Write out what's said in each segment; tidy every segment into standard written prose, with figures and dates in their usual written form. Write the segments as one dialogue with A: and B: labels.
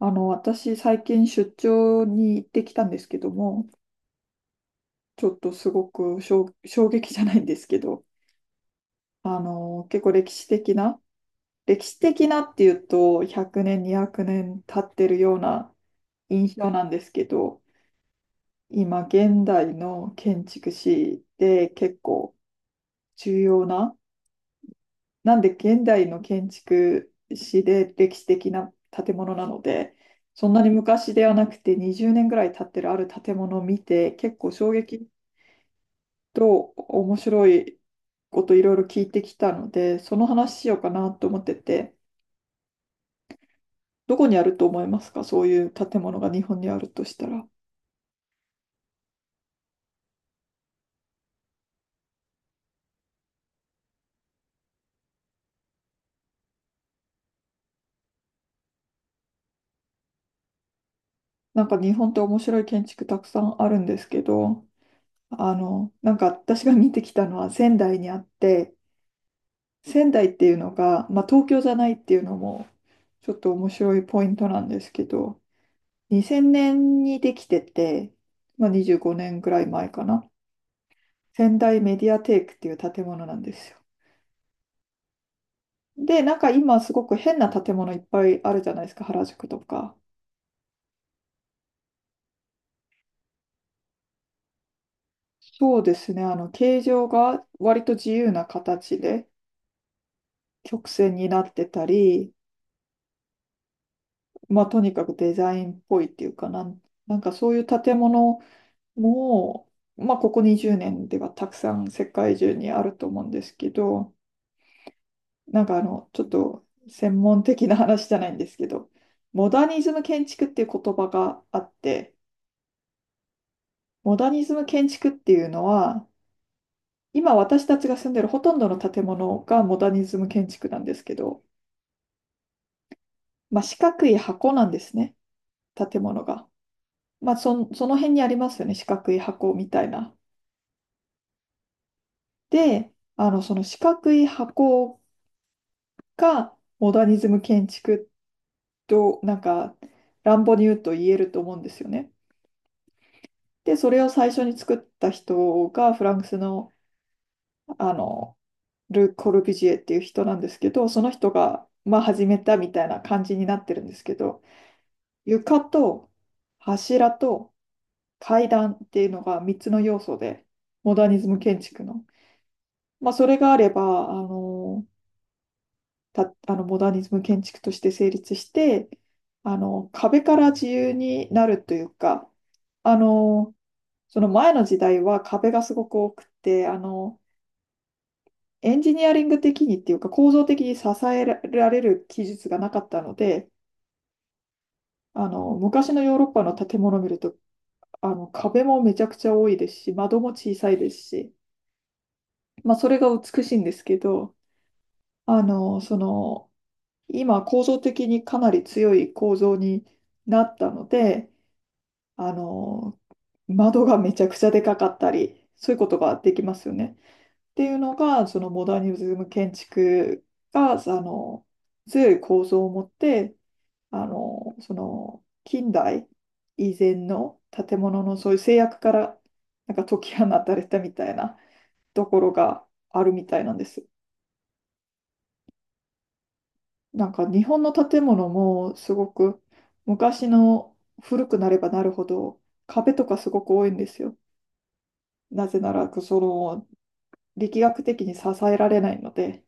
A: 私、最近出張に行ってきたんですけども、ちょっとすごく衝撃じゃないんですけど、結構歴史的なっていうと、100年、200年経ってるような印象なんですけど、今、現代の建築士で結構重要な、なんで現代の建築士で歴史的な建物なので、そんなに昔ではなくて20年ぐらい経ってるある建物を見て結構衝撃と面白いこといろいろ聞いてきたので、その話しようかなと思ってて、どこにあると思いますか？そういう建物が日本にあるとしたら。なんか日本って面白い建築たくさんあるんですけど、なんか私が見てきたのは仙台にあって、仙台っていうのが、まあ、東京じゃないっていうのもちょっと面白いポイントなんですけど、2000年にできてて、まあ、25年ぐらい前かな。仙台メディアテークっていう建物なんですよ。で、なんか今すごく変な建物いっぱいあるじゃないですか、原宿とか。そうですね、形状が割と自由な形で曲線になってたり、まあ、とにかくデザインっぽいっていうかなんかそういう建物も、まあ、ここ20年ではたくさん世界中にあると思うんですけど、なんかちょっと専門的な話じゃないんですけど、モダニズム建築っていう言葉があって、モダニズム建築っていうのは、今私たちが住んでるほとんどの建物がモダニズム建築なんですけど、まあ、四角い箱なんですね、建物が。まあ、その辺にありますよね、四角い箱みたいな。で、その四角い箱がモダニズム建築と、なんか、乱暴に言うと言えると思うんですよね。で、それを最初に作った人がフランスの、あの、ル・コルビュジエっていう人なんですけど、その人が、まあ、始めたみたいな感じになってるんですけど、床と柱と階段っていうのが3つの要素で、モダニズム建築の。まあ、それがあれば、あの、た、あの、モダニズム建築として成立して、壁から自由になるというか、あの、その前の時代は壁がすごく多くて、エンジニアリング的にっていうか構造的に支えられる技術がなかったので、昔のヨーロッパの建物を見ると壁もめちゃくちゃ多いですし、窓も小さいですし、まあ、それが美しいんですけど、あの、その、今、構造的にかなり強い構造になったので、あの、窓がめちゃくちゃでかかったり、そういうことができますよね。っていうのが、そのモダニズム建築が、強い構造を持って、近代以前の建物のそういう制約からなんか解き放たれたみたいなところがあるみたいなんです。なんか日本の建物もすごく昔の古くなればなるほど壁とかすごく多いんですよ。なぜならその力学的に支えられないので。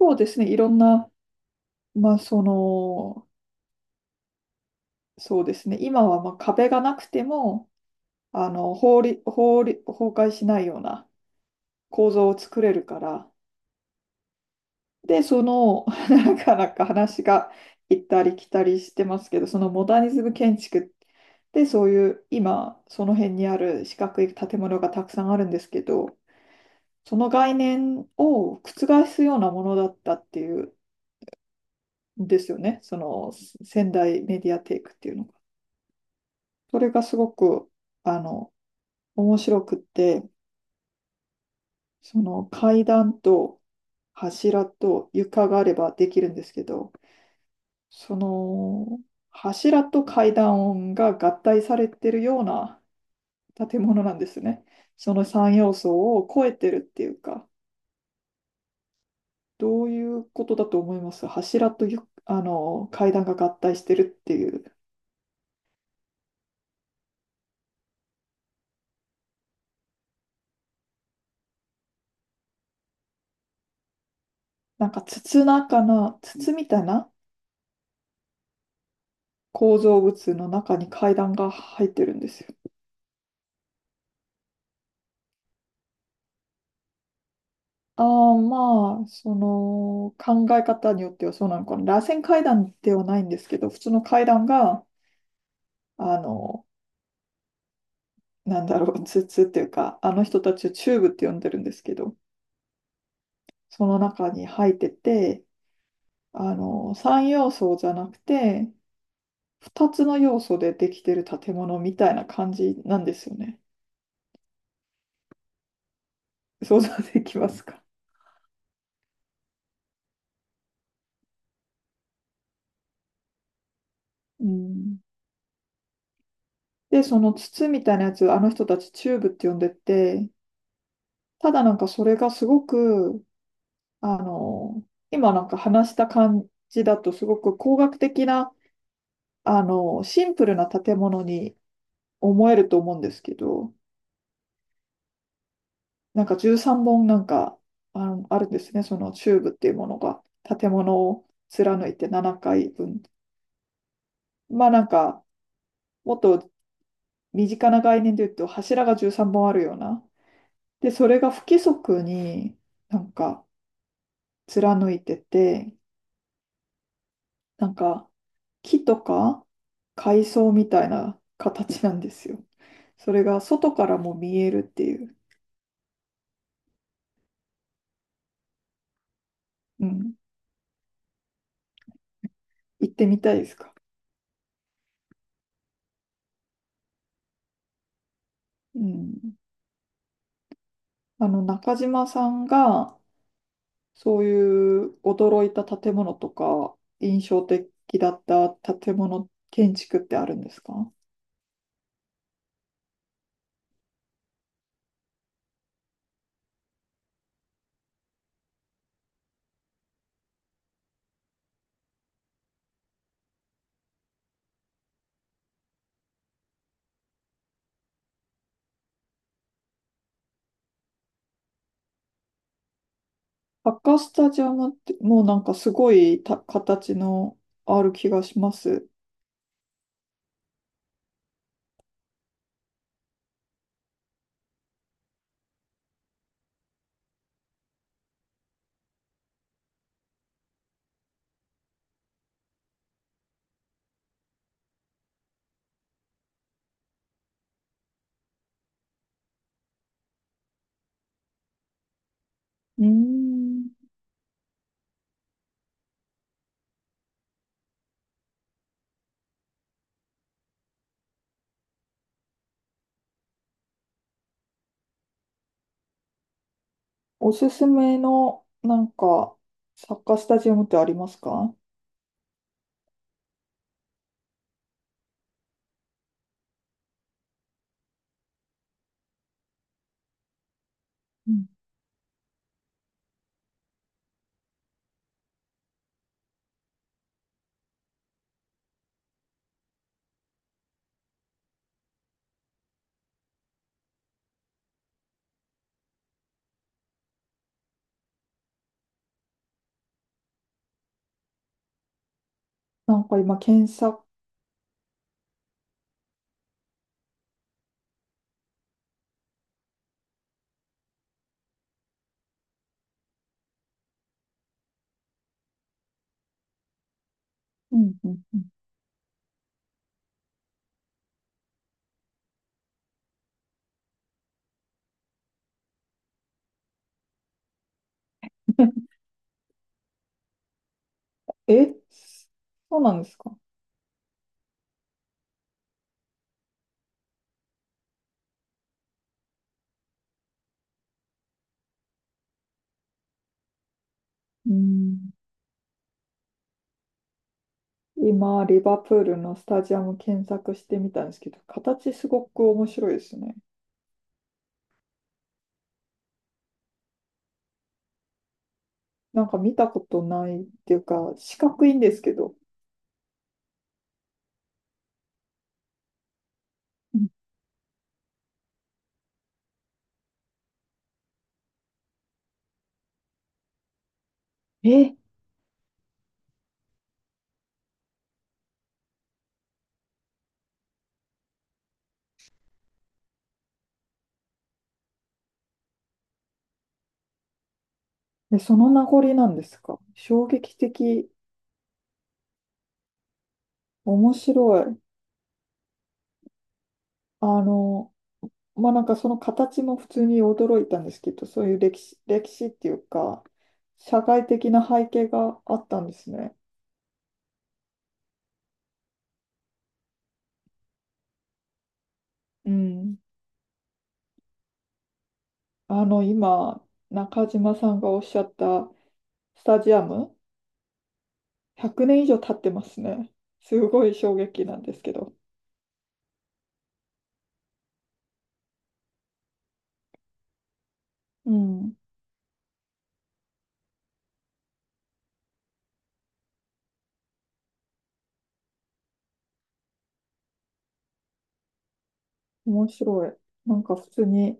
A: そうですね、いろんな、まあその、そうですね、今はまあ壁がなくてもあの法律、法律、崩壊しないような構造を作れるから。で、その、なかなか話が行ったり来たりしてますけど、そのモダニズム建築で、そういう今、その辺にある四角い建物がたくさんあるんですけど、その概念を覆すようなものだったっていうんですよね、その仙台メディアテイクっていうのが。それがすごく、あの、面白くって、その階段と柱と床があればできるんですけど、その柱と階段音が合体されてるような建物なんですね。その3要素を超えてるっていうか、どういうことだと思います？柱とあの階段が合体してるっていう、なんか筒みたいな構造物の中に階段が入ってるんですよ。ああ、まあ、その考え方によってはそうなのかな。螺旋階段ではないんですけど、普通の階段が、あのツツっていうか、あの人たちをチューブって呼んでるんですけど、その中に入ってて、3要素じゃなくて、2つの要素でできてる建物みたいな感じなんですよね。想像できますか？うん。で、その筒みたいなやつ、あの人たちチューブって呼んでて、ただなんかそれがすごく、あの、今なんか話した感じだとすごく工学的な、シンプルな建物に思えると思うんですけど、なんか13本あるんですね、そのチューブっていうものが、建物を貫いて7回分。まあなんか、もっと身近な概念で言うと、柱が13本あるような。で、それが不規則になんか貫いてて、なんか木とか海藻みたいな形なんですよ。それが外からも見えるっていう。うん。行ってみたいですか？うん。中島さんが、そういう驚いた建物とか、印象的だった建物、建築ってあるんですか？サッカースタジアムって、もうなんかすごい形のある気がします。うーん。おすすめの、なんか、サッカースタジアムってありますか？うん。なんか今、検索、うんうんうん。え、そうなんですか？うーん。今、リバプールのスタジアム検索してみたんですけど、形すごく面白いですね。なんか見たことないっていうか、四角いんですけど。うん。え、でその名残なんですか？衝撃的、面白い。あの、まあ、なんかその形も普通に驚いたんですけど、そういう歴史っていうか、社会的な背景があったんですね。うん。今、中島さんがおっしゃったスタジアム100年以上経ってますね。すごい衝撃なんですけど。うん。面白い。なんか普通に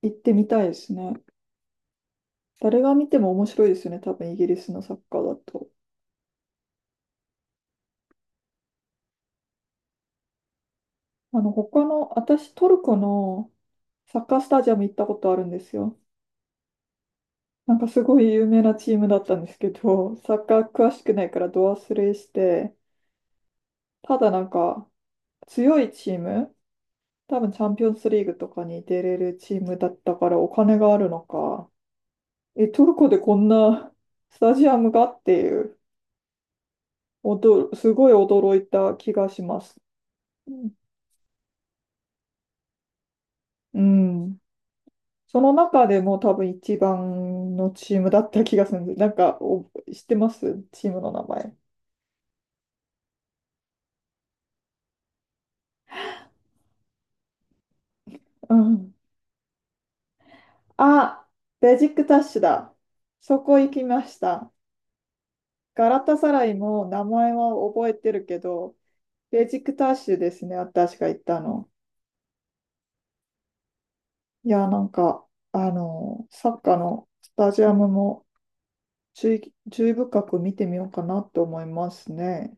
A: 行ってみたいですね。誰が見ても面白いですよね。多分イギリスのサッカーだと。他の、私トルコのサッカースタジアム行ったことあるんですよ。なんかすごい有名なチームだったんですけど、サッカー詳しくないからド忘れして、ただなんか強いチーム、多分チャンピオンズリーグとかに出れるチームだったからお金があるのか、え、トルコでこんなスタジアムがっていう、おど、すごい驚いた気がします。うん。うん。その中でも多分一番のチームだった気がするんです。なんか、お、知ってますチームの名前。うん。あ、ベジックタッシュだ。そこ行きました。ガラタサライも名前は覚えてるけど、ベジックタッシュですね、私が行ったの。いや、なんか、サッカーのスタジアムも、注意深く見てみようかなと思いますね。